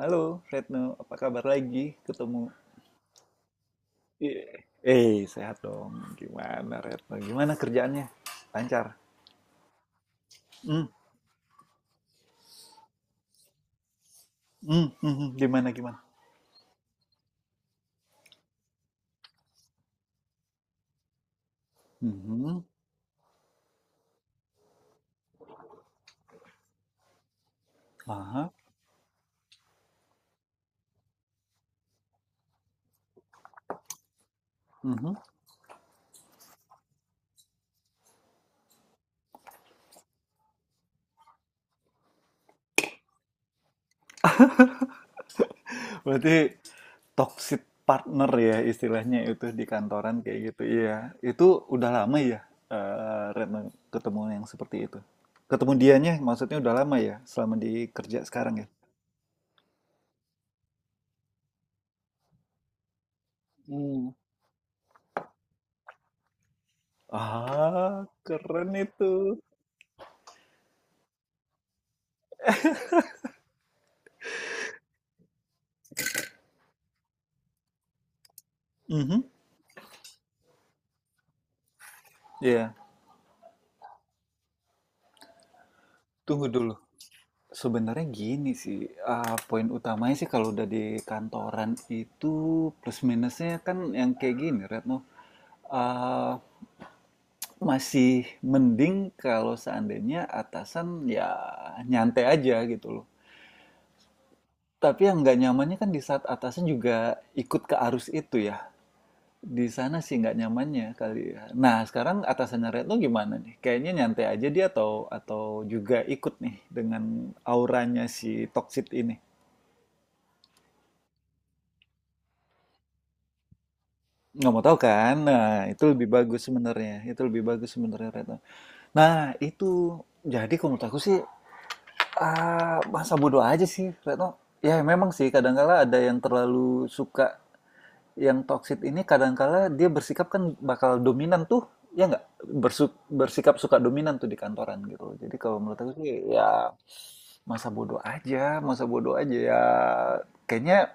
Halo, Retno. Apa kabar lagi? Ketemu. Iya. Sehat dong. Gimana, Retno? Gimana kerjaannya? Lancar. Hmm, hmm. Gimana, gimana? Hmm, aha, hmm. Berarti toxic partner ya istilahnya itu di kantoran kayak gitu. Iya, itu udah lama ya, Retno ketemu yang seperti itu. Ketemu dianya maksudnya udah lama ya, selama di kerja sekarang ya. Hmm. Ah, keren itu. Mhm. Iya. Tunggu dulu. Sebenarnya gini sih, poin utamanya sih kalau udah di kantoran itu plus minusnya kan yang kayak gini, Retno. Ah, Masih mending kalau seandainya atasan ya nyantai aja gitu loh. Tapi yang nggak nyamannya kan di saat atasan juga ikut ke arus itu ya. Di sana sih nggak nyamannya kali ya. Nah, sekarang atasannya Retno gimana nih? Kayaknya nyantai aja dia atau juga ikut nih dengan auranya si toksit ini. Nggak mau tahu kan? Nah, itu lebih bagus sebenarnya. Itu lebih bagus sebenarnya Retno. Nah, itu jadi kalau menurut aku sih masa bodoh aja sih Retno. Ya memang sih kadangkala ada yang terlalu suka yang toksit ini kadangkala dia bersikap kan bakal dominan tuh. Ya nggak? Bersikap suka dominan tuh di kantoran gitu. Jadi kalau menurut aku sih ya masa bodoh aja ya kayaknya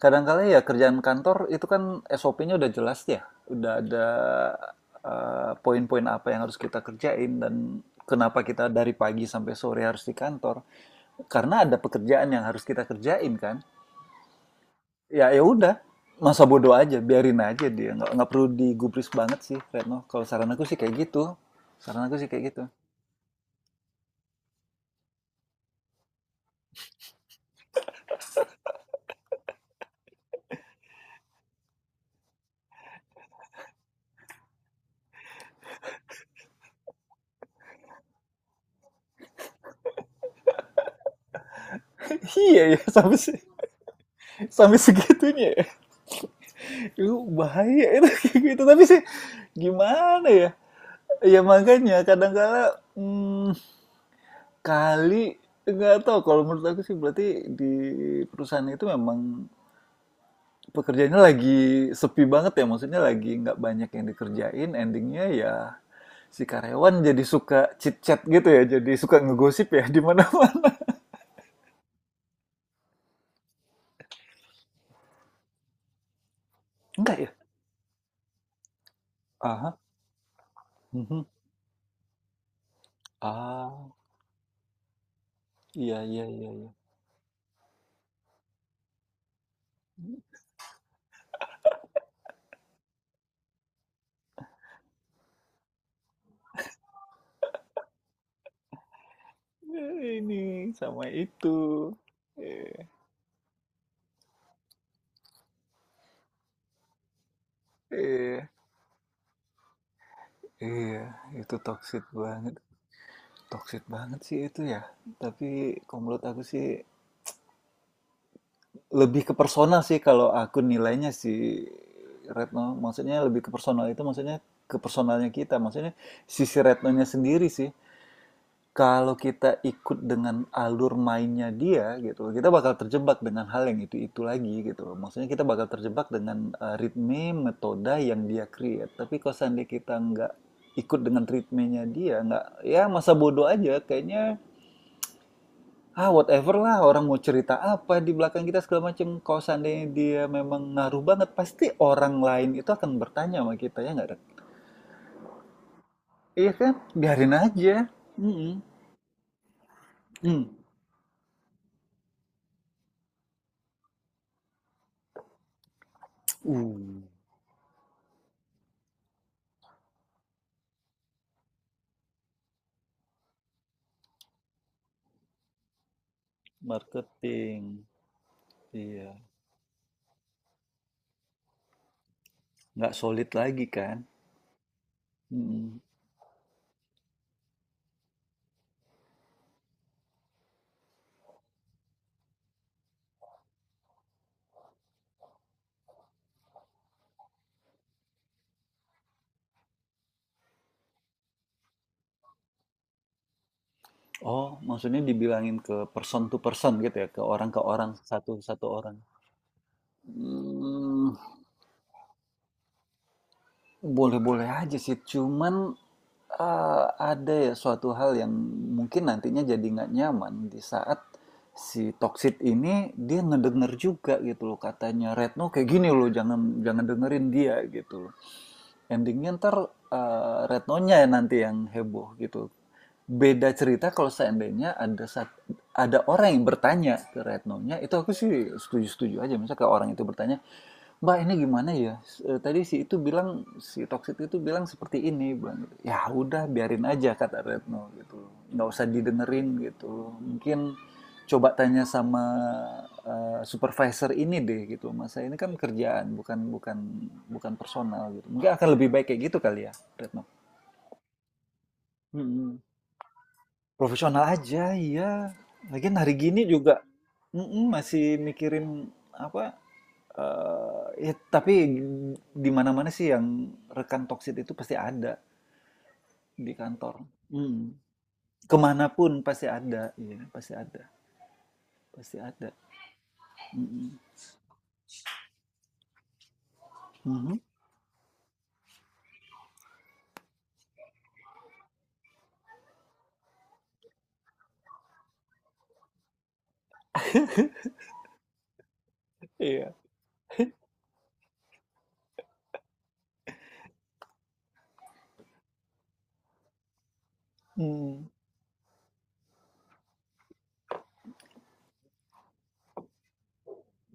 kadang-kadang ya kerjaan kantor itu kan SOP-nya udah jelas ya, udah ada poin-poin apa yang harus kita kerjain dan kenapa kita dari pagi sampai sore harus di kantor. Karena ada pekerjaan yang harus kita kerjain kan. Ya ya udah, masa bodoh aja, biarin aja dia. Nggak perlu digubris banget sih, Retno. Kalau saran aku sih kayak gitu. Saran aku sih kayak gitu. Iya ya, sampai segitunya ya. Itu bahaya itu kayak gitu. Tapi sih gimana ya? Ya makanya kadangkala, mmm, kali nggak tahu kalau menurut aku sih berarti di perusahaan itu memang pekerjaannya lagi sepi banget ya, maksudnya lagi nggak banyak yang dikerjain, endingnya ya si karyawan jadi suka chit-chat gitu ya, jadi suka ngegosip ya di mana-mana. Enggak ya? Ah mhm. Ah, iya iya iya iya. Nah ini, sama itu. eh iya, iya, itu toxic banget. Toxic banget sih itu ya. Tapi kalau menurut aku sih lebih ke personal sih kalau aku nilainya sih Retno. Maksudnya lebih ke personal itu maksudnya ke personalnya kita. Maksudnya sisi Retnonya sendiri sih. Kalau kita ikut dengan alur mainnya dia gitu, kita bakal terjebak dengan hal yang itu-itu lagi gitu. Maksudnya kita bakal terjebak dengan ritme, metode yang dia create. Tapi kalau seandainya kita nggak ikut dengan ritmenya dia, nggak ya masa bodoh aja kayaknya ah whatever lah orang mau cerita apa di belakang kita segala macam kalau seandainya dia memang ngaruh banget pasti orang lain itu akan bertanya sama kita ya nggak Ren? Iya kan biarin aja. Mm-mm. Mm. Uh, Marketing, iya. Nggak solid lagi kan. Mm-mm. Oh maksudnya dibilangin ke person to person gitu ya ke orang satu satu orang. Hmm, boleh-boleh aja sih, cuman eee, ada ya suatu hal yang mungkin nantinya jadi nggak nyaman di saat si toksik ini dia ngedenger juga gitu loh katanya Retno kayak gini loh jangan jangan dengerin dia gitu loh. Ending-nya entar, Retnonya ya nanti yang heboh gitu. Beda cerita kalau seandainya ada orang yang bertanya ke Retnonya, itu aku sih setuju-setuju aja. Misalnya kayak orang itu bertanya, "Mbak, ini gimana ya? S e, tadi si itu bilang, si toksik itu bilang seperti ini, bilang gitu." Ya udah biarin aja kata Retno gitu, nggak usah didengerin gitu. Mungkin coba tanya sama, supervisor ini deh gitu, "Mas, saya ini kan kerjaan bukan bukan bukan personal gitu." Mungkin akan lebih baik kayak gitu kali ya Retno? Mhm, profesional aja, iya. Lagian hari gini juga mhm, masih mikirin apa, ya, tapi di mana-mana sih yang rekan toksit itu pasti ada di kantor. Mm. Kemanapun pasti ada, iya pasti ada, pasti ada. Mm-mm. Mhm. Iya. Mm.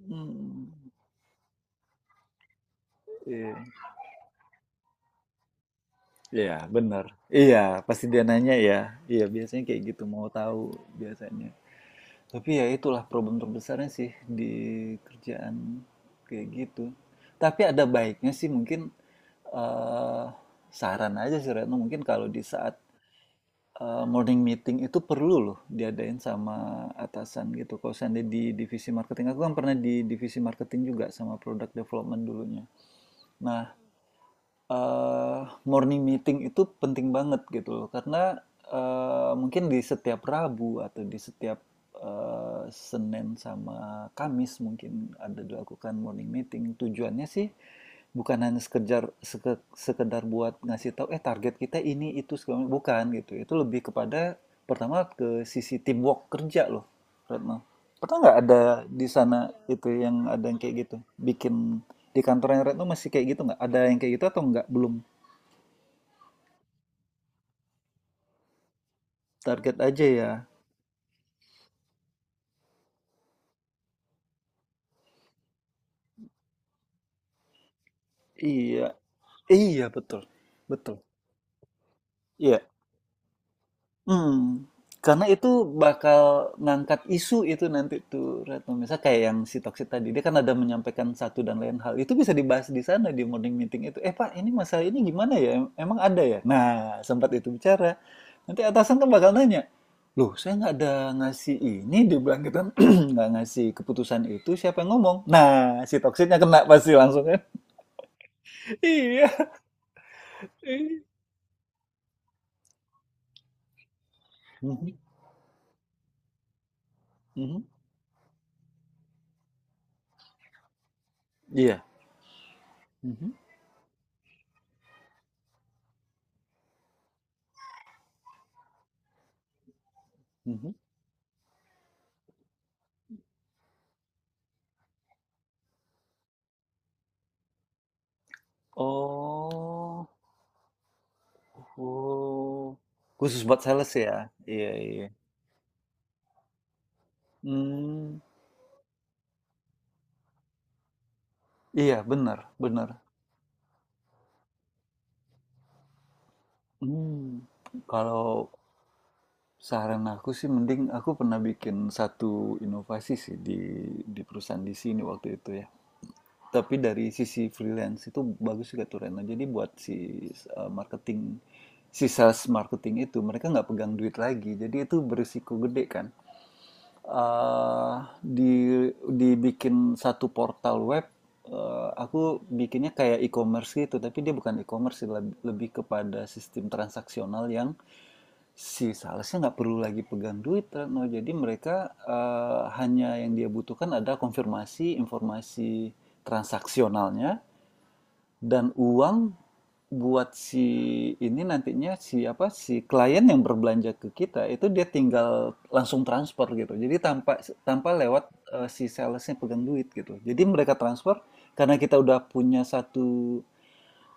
Mm. Iya, iya, benar. Iya, pasti dia nanya ya. Iya, biasanya kayak gitu mau tahu biasanya. Tapi ya itulah problem terbesarnya sih di kerjaan kayak gitu. Tapi ada baiknya sih mungkin eh, saran aja sih Retno mungkin kalau di saat morning meeting itu perlu loh diadain sama atasan gitu. Kalau seandainya di divisi marketing, aku kan pernah di divisi marketing juga sama product development dulunya. Nah, eee, morning meeting itu penting banget gitu loh, karena, mungkin di setiap Rabu atau di setiap, Senin sama Kamis mungkin ada dilakukan morning meeting. Tujuannya sih bukan hanya sekedar sekedar buat ngasih tahu, "Eh, target kita ini, itu, segala" bukan gitu. Itu lebih kepada pertama ke sisi teamwork kerja loh, Retno. Pernah nggak ada di sana itu yang ada yang kayak gitu? Bikin di kantornya Retno masih kayak gitu nggak? Ada yang kayak gitu atau nggak? Belum. Target aja ya. Iya. Iya, betul. Betul. Iya. Hmm, karena itu bakal ngangkat isu itu nanti tuh Retno. Misalnya kayak yang si Toksik tadi, dia kan ada menyampaikan satu dan lain hal. Itu bisa dibahas di sana di morning meeting itu. "Eh Pak, ini masalah ini gimana ya? Emang ada ya?" Nah, sempat itu bicara. Nanti atasan kan bakal nanya, "Loh saya nggak ada ngasih ini", dia bilang gitu kan, nggak ngasih keputusan itu, siapa yang ngomong? Nah, si Toksiknya kena pasti langsung kan. Iya. Mhm, mhm. Iya. Mhm, mhm. Oh. Oh, khusus buat sales ya? Iya, iya. Hmm, iya benar, benar. Hmm, kalau saran aku sih mending aku pernah bikin satu inovasi sih di perusahaan di sini waktu itu ya. Tapi dari sisi freelance itu bagus juga tuh Rena. Jadi buat si marketing, si sales marketing itu mereka nggak pegang duit lagi. Jadi itu berisiko gede kan. Eh, di Dibikin satu portal web aku bikinnya kayak e-commerce gitu tapi dia bukan e-commerce sih, lebih kepada sistem transaksional yang si salesnya nggak perlu lagi pegang duit no jadi mereka hanya yang dia butuhkan ada konfirmasi informasi transaksionalnya dan uang buat si ini nantinya si apa si klien yang berbelanja ke kita itu dia tinggal langsung transfer gitu. Jadi tanpa tanpa lewat si salesnya pegang duit gitu. Jadi mereka transfer karena kita udah punya satu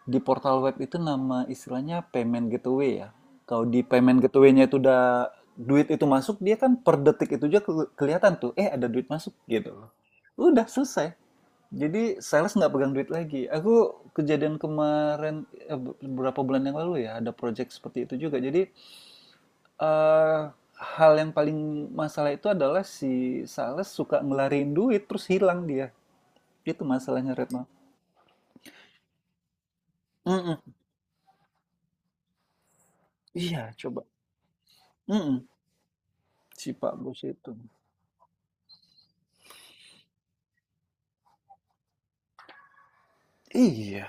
di portal web itu nama istilahnya payment gateway ya. Kalau di payment gateway-nya itu udah duit itu masuk, dia kan per detik itu juga kelihatan tuh, eh ada duit masuk gitu. Udah selesai. Jadi sales nggak pegang duit lagi. Aku kejadian kemarin eh, beberapa bulan yang lalu ya ada project seperti itu juga. Jadi eh, hal yang paling masalah itu adalah si sales suka ngelarin duit terus hilang dia. Itu masalahnya Retno. Mm-mm. Iya, coba. Mm-mm. Si Pak Bos itu. Iya,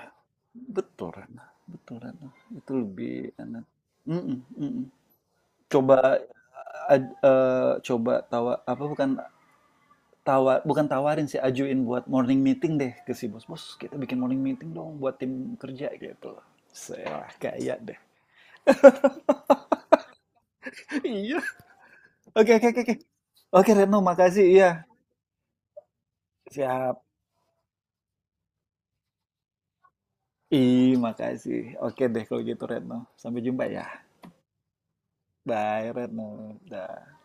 betul Retno. Betul Retno. Itu lebih enak. Mm-mm, mm-mm. Coba ad- eh, coba tawa apa bukan tawar bukan tawarin sih ajuin buat morning meeting deh ke si bos bos kita bikin morning meeting dong buat tim kerja gitu loh saya kayak deh. Iya. Oke oke oke oke oke Retno makasih iya. Siap. Ih, makasih. Oke deh kalau gitu Retno. Sampai jumpa ya. Bye Retno. Dah.